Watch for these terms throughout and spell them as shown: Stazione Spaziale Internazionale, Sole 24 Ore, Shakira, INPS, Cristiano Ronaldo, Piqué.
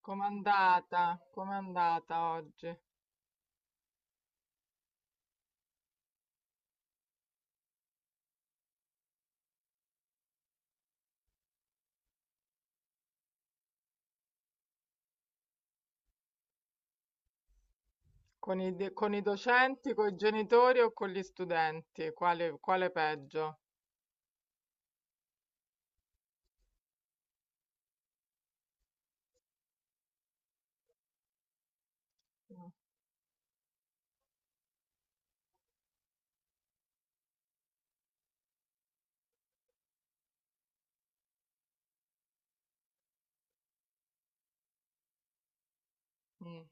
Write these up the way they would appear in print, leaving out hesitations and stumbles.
Com'è andata? Com'è andata oggi? Con i, de- con i docenti, con i genitori o con gli studenti? Quale, quale peggio? Mm, mm,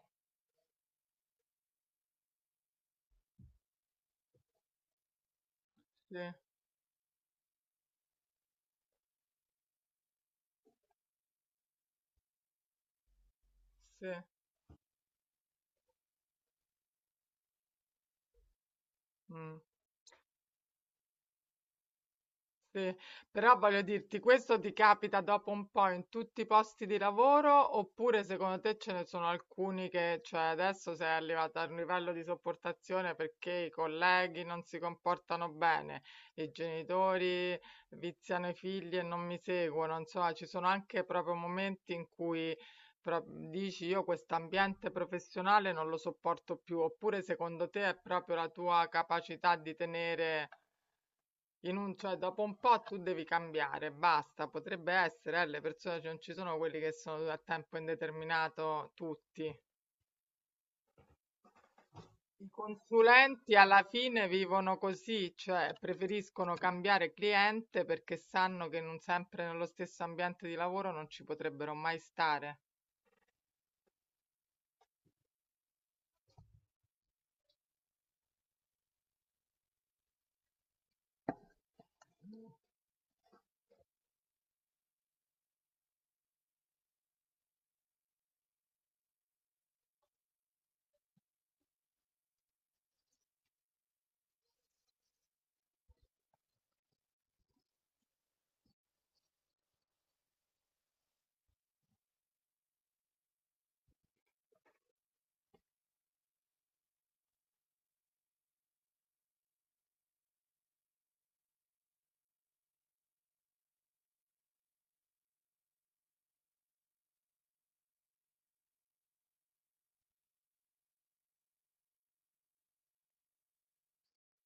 sì, sì. mm. Sì, però voglio dirti, questo ti capita dopo un po' in tutti i posti di lavoro oppure secondo te ce ne sono alcuni che, cioè adesso sei arrivata a un livello di sopportazione perché i colleghi non si comportano bene, i genitori viziano i figli e non mi seguono, insomma, ci sono anche proprio momenti in cui pro- dici io quest'ambiente professionale non lo sopporto più, oppure secondo te è proprio la tua capacità di tenere in un, cioè, dopo un po' tu devi cambiare, basta. Potrebbe essere, le persone, cioè, non ci sono quelli che sono a tempo indeterminato tutti. I consulenti alla fine vivono così, cioè preferiscono cambiare cliente perché sanno che non sempre nello stesso ambiente di lavoro non ci potrebbero mai stare.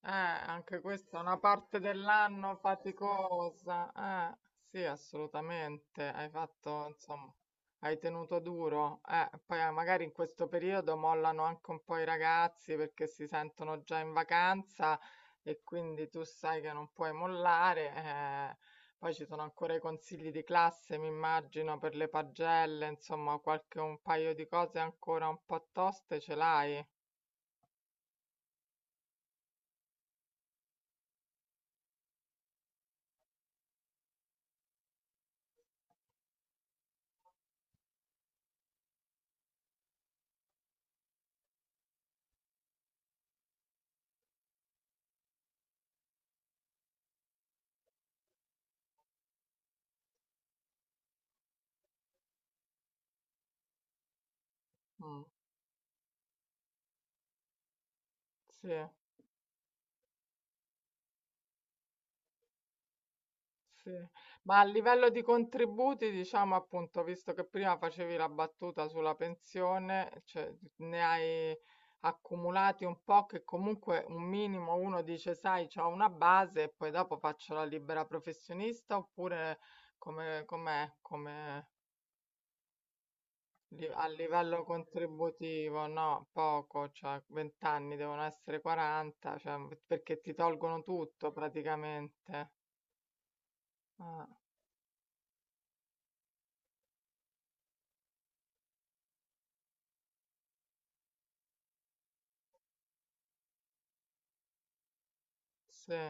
Anche questa è una parte dell'anno faticosa. Eh, sì, assolutamente. Hai fatto, insomma, hai tenuto duro. Poi magari in questo periodo mollano anche un po' i ragazzi perché si sentono già in vacanza e quindi tu sai che non puoi mollare. Eh. Poi ci sono ancora i consigli di classe, mi immagino, per le pagelle, insomma, qualche un paio di cose ancora un po' toste ce l'hai. Mm, sì. Sì, ma a livello di contributi, diciamo appunto, visto che prima facevi la battuta sulla pensione, cioè ne hai accumulati un po' che comunque un minimo uno dice, sai, c'ho una base e poi dopo faccio la libera professionista oppure come, com'è, come li- a livello contributivo, no, poco, cioè 20 anni devono essere 40, cioè, perché ti tolgono tutto praticamente. Ah, sì.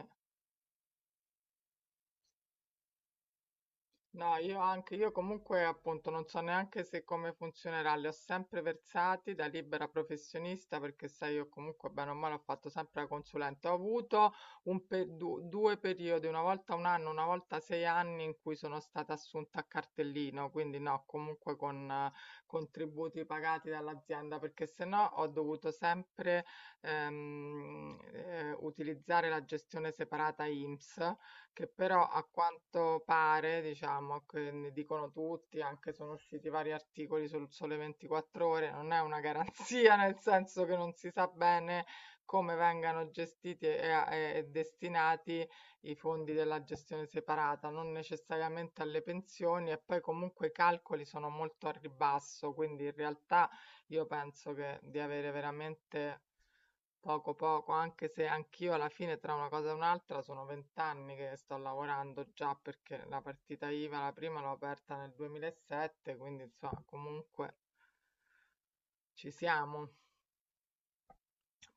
No, io anche, io comunque appunto non so neanche se come funzionerà, li ho sempre versati da libera professionista perché sai io comunque bene o male ho fatto sempre la consulente, ho avuto un pe- du- due periodi, una volta un anno, una volta sei anni in cui sono stata assunta a cartellino, quindi no, comunque con contributi pagati dall'azienda perché se no ho dovuto sempre utilizzare la gestione separata INPS che però a quanto pare, diciamo, che ne dicono tutti, anche sono usciti vari articoli sul Sole 24 Ore, non è una garanzia, nel senso che non si sa bene come vengano gestiti e, e destinati i fondi della gestione separata, non necessariamente alle pensioni e poi comunque i calcoli sono molto a ribasso, quindi in realtà io penso che di avere veramente poco, poco, anche se anch'io alla fine tra una cosa e un'altra sono vent'anni che sto lavorando già perché la partita IVA, la prima l'ho aperta nel 2007, quindi insomma comunque ci siamo.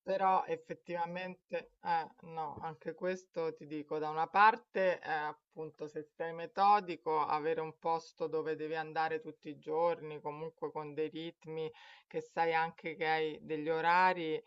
Però effettivamente, no, anche questo ti dico, da una parte è appunto se sei metodico, avere un posto dove devi andare tutti i giorni, comunque con dei ritmi, che sai anche che hai degli orari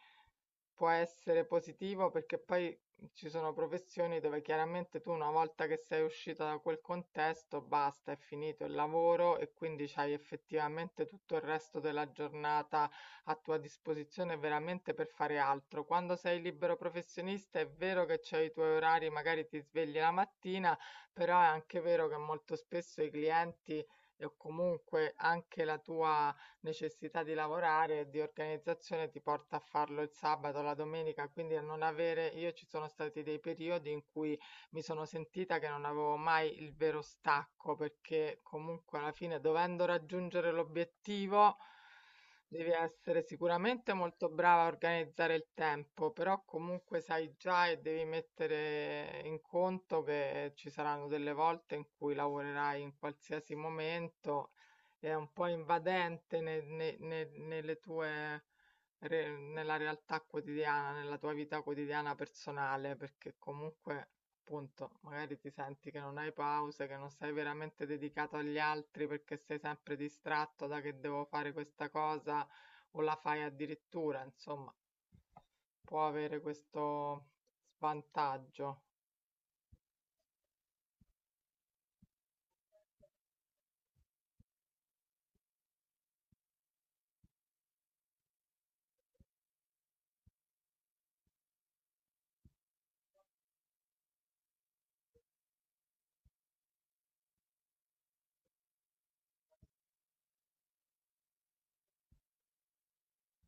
può essere positivo perché poi ci sono professioni dove chiaramente tu una volta che sei uscita da quel contesto, basta, è finito il lavoro e quindi c'hai effettivamente tutto il resto della giornata a tua disposizione veramente per fare altro. Quando sei libero professionista è vero che c'hai i tuoi orari, magari ti svegli la mattina, però è anche vero che molto spesso i clienti o comunque anche la tua necessità di lavorare e di organizzazione ti porta a farlo il sabato, la domenica, quindi a non avere, io ci sono stati dei periodi in cui mi sono sentita che non avevo mai il vero stacco, perché comunque alla fine dovendo raggiungere l'obiettivo devi essere sicuramente molto brava a organizzare il tempo, però comunque sai già e devi mettere in conto che ci saranno delle volte in cui lavorerai in qualsiasi momento è un po' invadente nelle tue, nella realtà quotidiana, nella tua vita quotidiana personale, perché comunque, appunto, magari ti senti che non hai pause, che non sei veramente dedicato agli altri perché sei sempre distratto da che devo fare questa cosa o la fai addirittura, insomma, può avere questo svantaggio.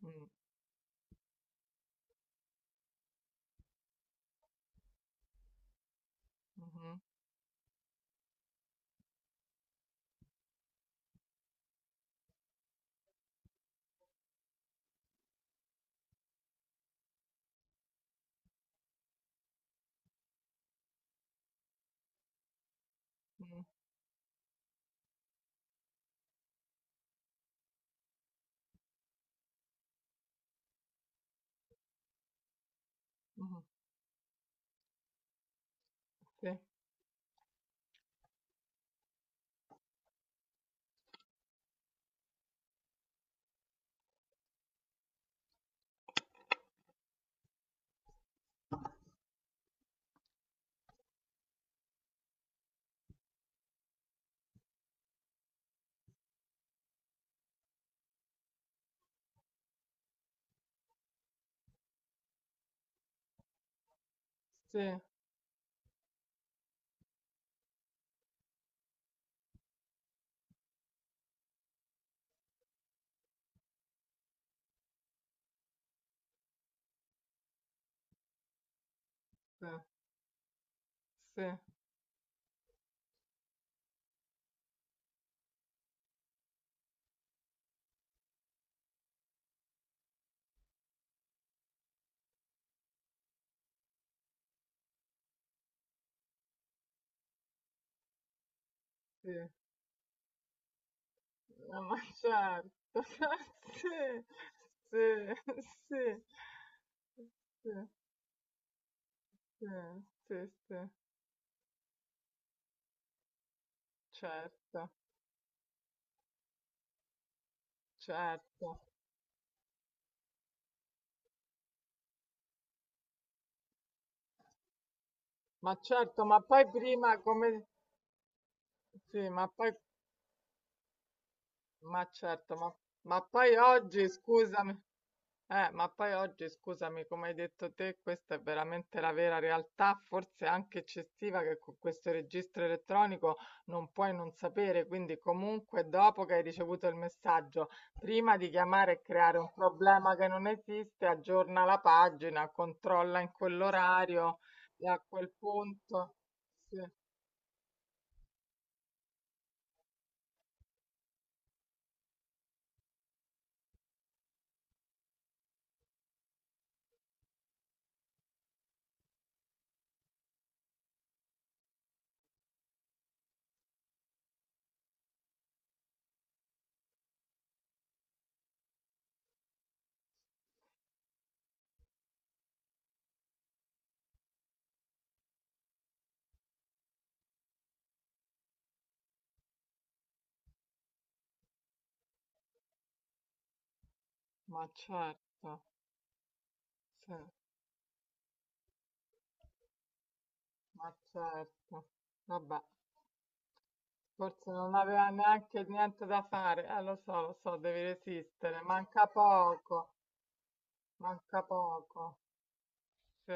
Mm, mhm, mhm, mhm. Sì, sì, sì, sì, sì. まあさ、とさ、つ、つ、sì, sì, sì, sì, sì, sì, sì, sì, certo, certo. Ma certo, ma poi prima come... Sì, ma poi... Ma certo, ma poi oggi, scusami. Ma poi oggi, scusami, come hai detto te, questa è veramente la vera realtà, forse anche eccessiva, che con questo registro elettronico non puoi non sapere. Quindi, comunque, dopo che hai ricevuto il messaggio, prima di chiamare e creare un problema che non esiste, aggiorna la pagina, controlla in quell'orario e a quel punto. Sì, ma certo, sì, ma certo. Vabbè. Forse non aveva neanche niente da fare, lo so, devi resistere, manca poco, sì.